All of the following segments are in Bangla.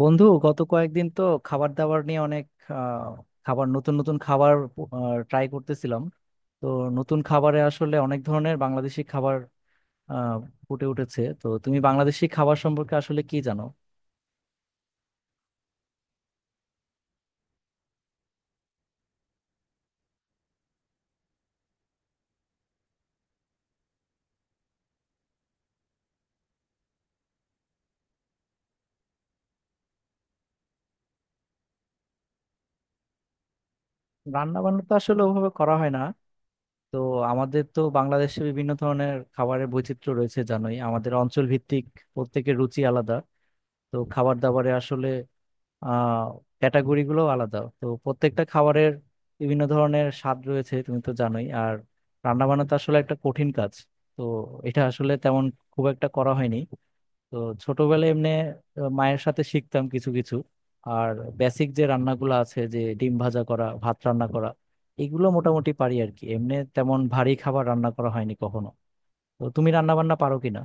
বন্ধু, গত কয়েকদিন তো খাবার দাবার নিয়ে অনেক আহ, খাবার, নতুন নতুন খাবার ট্রাই করতেছিলাম। তো নতুন খাবারে আসলে অনেক ধরনের বাংলাদেশি খাবার আহ, ফুটে উঠেছে। তো তুমি বাংলাদেশি খাবার সম্পর্কে আসলে কি জানো? রান্না বান্না তো আসলে ওভাবে করা হয় না। তো আমাদের তো বাংলাদেশে বিভিন্ন ধরনের খাবারের বৈচিত্র্য রয়েছে, জানোই, আমাদের অঞ্চল ভিত্তিক প্রত্যেকের রুচি আলাদা। তো খাবার দাবারে আসলে আহ ক্যাটাগরি গুলো আলাদা, তো প্রত্যেকটা খাবারের বিভিন্ন ধরনের স্বাদ রয়েছে, তুমি তো জানোই। আর রান্না বান্না তো আসলে একটা কঠিন কাজ, তো এটা আসলে তেমন খুব একটা করা হয়নি। তো ছোটবেলায় এমনি মায়ের সাথে শিখতাম কিছু কিছু। আর বেসিক যে রান্নাগুলো আছে, যে ডিম ভাজা করা, ভাত রান্না করা, এগুলো মোটামুটি পারি আর কি। এমনি তেমন ভারী খাবার রান্না করা হয়নি কখনো। তো তুমি রান্না বান্না পারো কিনা?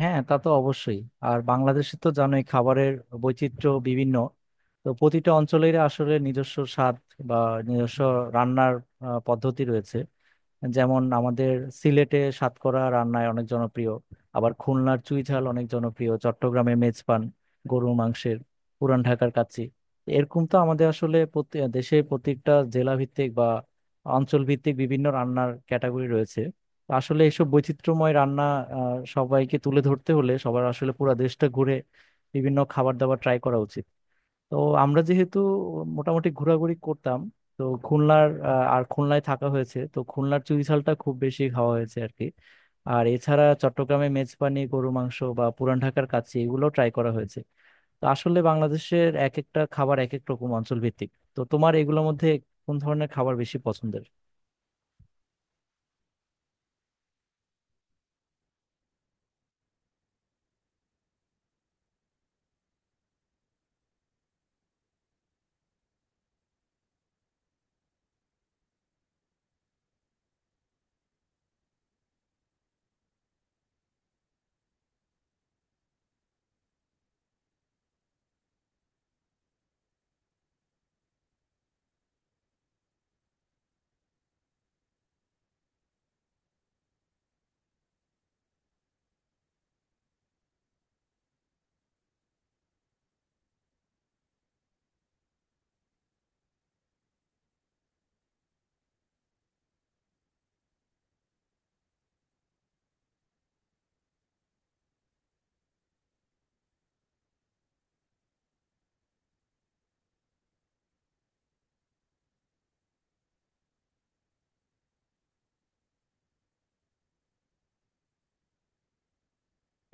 হ্যাঁ, তা তো অবশ্যই। আর বাংলাদেশে তো জানোই খাবারের বৈচিত্র্য বিভিন্ন। তো প্রতিটা অঞ্চলের আসলে নিজস্ব স্বাদ বা নিজস্ব রান্নার পদ্ধতি রয়েছে। যেমন আমাদের সিলেটে সাতকরা রান্নায় অনেক জনপ্রিয়, আবার খুলনার চুই ঝাল অনেক জনপ্রিয়, চট্টগ্রামে মেজপান গরুর মাংসের, পুরান ঢাকার কাচ্চি। এরকম তো আমাদের আসলে দেশের প্রত্যেকটা জেলা ভিত্তিক বা অঞ্চল ভিত্তিক বিভিন্ন রান্নার ক্যাটাগরি রয়েছে। আসলে এসব বৈচিত্র্যময় রান্না সবাইকে তুলে ধরতে হলে সবার আসলে পুরো দেশটা ঘুরে বিভিন্ন খাবার দাবার ট্রাই করা উচিত। তো আমরা যেহেতু মোটামুটি ঘোরাঘুরি করতাম, তো আর খুলনায় থাকা হয়েছে, তো খুলনার চুইঝালটা খুব বেশি খাওয়া হয়েছে আর কি। আর এছাড়া চট্টগ্রামে মেজবানি গরু মাংস বা পুরান ঢাকার কাচ্চি, এগুলো ট্রাই করা হয়েছে। তো আসলে বাংলাদেশের এক একটা খাবার এক এক রকম, অঞ্চল ভিত্তিক। তো তোমার এগুলোর মধ্যে কোন ধরনের খাবার বেশি পছন্দের?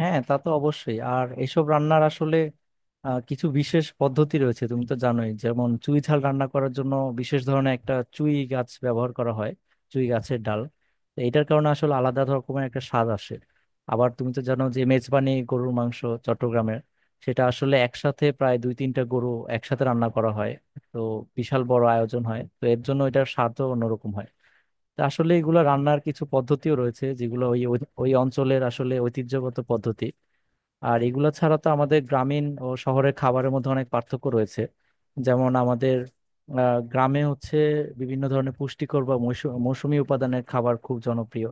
হ্যাঁ, তা তো অবশ্যই। আর এসব রান্নার আসলে কিছু বিশেষ পদ্ধতি রয়েছে, তুমি তো জানোই। যেমন চুই ঝাল রান্না করার জন্য বিশেষ ধরনের একটা চুই গাছ ব্যবহার করা হয়, চুই গাছের ডাল। তো এটার কারণে আসলে আলাদা রকমের একটা স্বাদ আসে। আবার তুমি তো জানো যে মেজবানি গরুর মাংস চট্টগ্রামের, সেটা আসলে একসাথে প্রায় দুই তিনটা গরু একসাথে রান্না করা হয়। তো বিশাল বড় আয়োজন হয় তো এর জন্য, এটার স্বাদও অন্যরকম হয়। তো আসলে এগুলো রান্নার কিছু পদ্ধতিও রয়েছে যেগুলো ওই ওই ওই অঞ্চলের আসলে ঐতিহ্যগত পদ্ধতি। আর এগুলো ছাড়া তো আমাদের গ্রামীণ ও শহরের খাবারের মধ্যে অনেক পার্থক্য রয়েছে। যেমন আমাদের গ্রামে হচ্ছে বিভিন্ন ধরনের পুষ্টিকর বা মৌসুমী উপাদানের খাবার খুব জনপ্রিয়,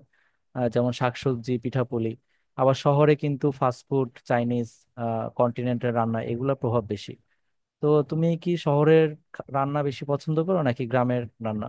যেমন শাকসবজি, পিঠাপুলি। আবার শহরে কিন্তু ফাস্টফুড, চাইনিজ, কন্টিনেন্টাল রান্না, এগুলোর প্রভাব বেশি। তো তুমি কি শহরের রান্না বেশি পছন্দ করো নাকি গ্রামের রান্না?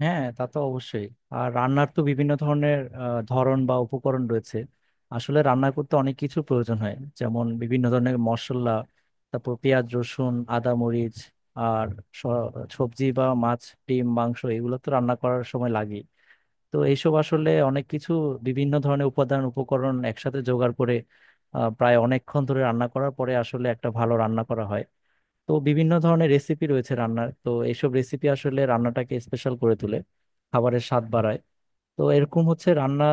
হ্যাঁ, তা তো অবশ্যই। আর রান্নার তো বিভিন্ন ধরনের ধরন বা উপকরণ রয়েছে। আসলে রান্না করতে অনেক কিছু প্রয়োজন হয়, যেমন বিভিন্ন ধরনের মশলা, তারপর পেঁয়াজ, রসুন, আদা, মরিচ, আর স- সবজি বা মাছ, ডিম, মাংস, এগুলো তো রান্না করার সময় লাগে। তো এইসব আসলে অনেক কিছু, বিভিন্ন ধরনের উপাদান উপকরণ একসাথে জোগাড় করে প্রায় অনেকক্ষণ ধরে রান্না করার পরে আসলে একটা ভালো রান্না করা হয়। তো বিভিন্ন ধরনের রেসিপি রয়েছে রান্নার, তো এইসব রেসিপি আসলে রান্নাটাকে স্পেশাল করে তোলে, খাবারের স্বাদ বাড়ায়। তো এরকম হচ্ছে রান্না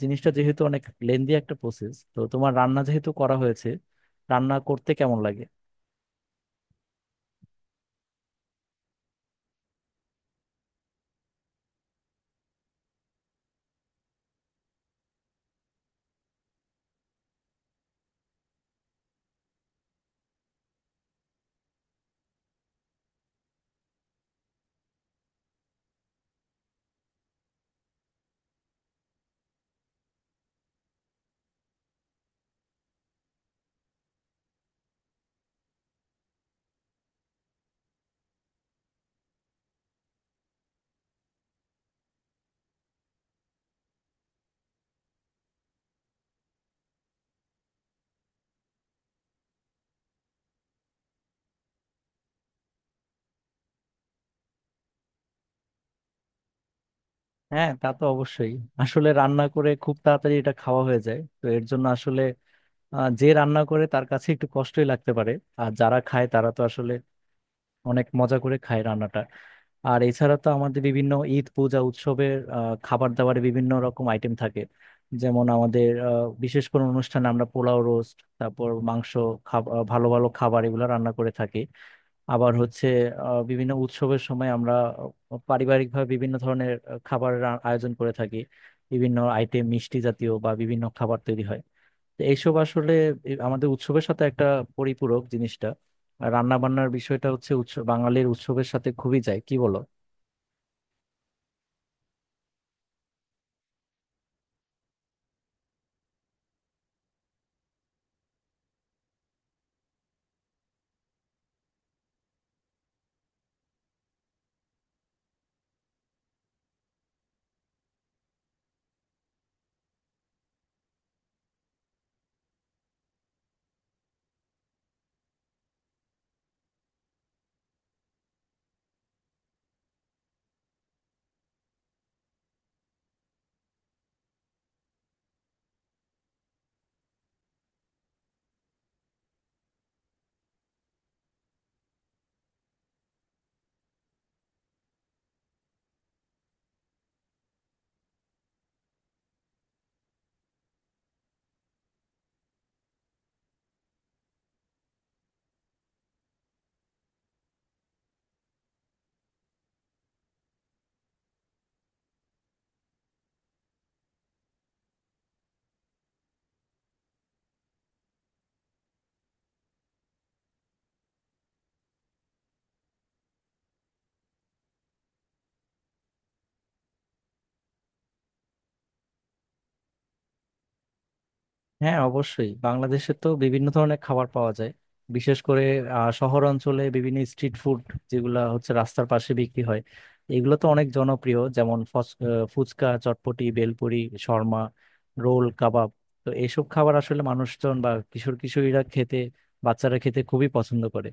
জিনিসটা, যেহেতু অনেক লেন্দি একটা প্রসেস, তো তোমার রান্না যেহেতু করা হয়েছে, রান্না করতে কেমন লাগে? হ্যাঁ, তা তো অবশ্যই। আসলে রান্না করে খুব তাড়াতাড়ি এটা খাওয়া হয়ে যায়, তো এর জন্য আসলে যে রান্না করে তার কাছে একটু কষ্টই লাগতে পারে। আর যারা খায় তারা তো আসলে অনেক মজা করে খায় রান্নাটা। আর এছাড়া তো আমাদের বিভিন্ন ঈদ, পূজা, উৎসবের খাবার দাবারে বিভিন্ন রকম আইটেম থাকে। যেমন আমাদের বিশেষ কোনো অনুষ্ঠানে আমরা পোলাও, রোস্ট, তারপর মাংস, ভালো ভালো খাবার, এগুলো রান্না করে থাকি। আবার হচ্ছে বিভিন্ন উৎসবের সময় আমরা পারিবারিকভাবে বিভিন্ন ধরনের খাবারের আয়োজন করে থাকি, বিভিন্ন আইটেম, মিষ্টি জাতীয় বা বিভিন্ন খাবার তৈরি হয়। তো এইসব আসলে আমাদের উৎসবের সাথে একটা পরিপূরক জিনিসটা, রান্না বান্নার বিষয়টা হচ্ছে, উৎসব, বাঙালির উৎসবের সাথে খুবই যায়, কি বলো? হ্যাঁ, অবশ্যই। বাংলাদেশে তো বিভিন্ন ধরনের খাবার পাওয়া যায়, বিশেষ করে শহর অঞ্চলে বিভিন্ন স্ট্রিট ফুড, যেগুলো হচ্ছে রাস্তার পাশে বিক্রি হয়, এগুলো তো অনেক জনপ্রিয়। যেমন ফুচকা, চটপটি, বেলপুরি, শর্মা, রোল, কাবাব। তো এইসব খাবার আসলে মানুষজন বা কিশোর কিশোরীরা খেতে, বাচ্চারা খেতে খুবই পছন্দ করে।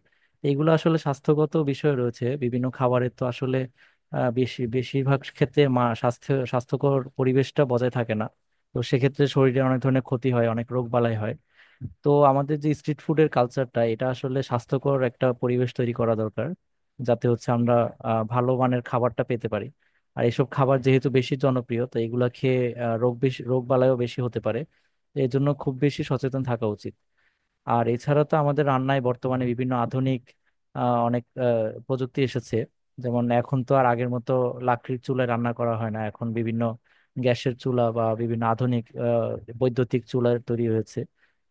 এগুলো আসলে স্বাস্থ্যগত বিষয় রয়েছে বিভিন্ন খাবারের, তো আসলে বেশিরভাগ ক্ষেত্রে মা স্বাস্থ্য স্বাস্থ্যকর পরিবেশটা বজায় থাকে না। তো সেক্ষেত্রে শরীরে অনেক ধরনের ক্ষতি হয়, অনেক রোগ বালাই হয়। তো আমাদের যে স্ট্রিট ফুডের কালচারটা, এটা আসলে স্বাস্থ্যকর একটা পরিবেশ তৈরি করা দরকার, যাতে হচ্ছে আমরা ভালো মানের খাবারটা পেতে পারি। আর এইসব খাবার যেহেতু বেশি জনপ্রিয়, তো এগুলা খেয়ে রোগ বালাইও বেশি হতে পারে। তো এই জন্য খুব বেশি সচেতন থাকা উচিত। আর এছাড়া তো আমাদের রান্নায় বর্তমানে বিভিন্ন আধুনিক আহ, অনেক আহ, প্রযুক্তি এসেছে। যেমন এখন তো আর আগের মতো লাকড়ির চুলায় রান্না করা হয় না, এখন বিভিন্ন গ্যাসের চুলা বা বিভিন্ন আধুনিক বৈদ্যুতিক চুলা তৈরি হয়েছে।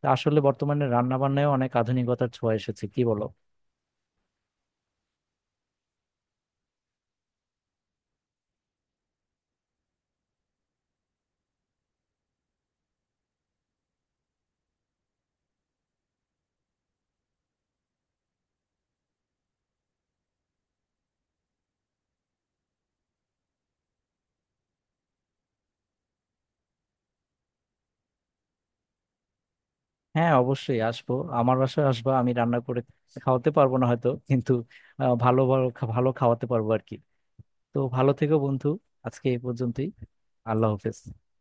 তা আসলে বর্তমানে রান্না বান্নায় অনেক আধুনিকতার ছোঁয়া এসেছে, কি বলো? হ্যাঁ, অবশ্যই আসবো। আমার বাসায় আসবা, আমি রান্না করে খাওয়াতে পারবো না হয়তো, কিন্তু ভালো ভালো ভালো খাওয়াতে পারবো আর কি। তো ভালো থেকো, বন্ধু। আজকে এই পর্যন্তই। আল্লাহ হাফেজ।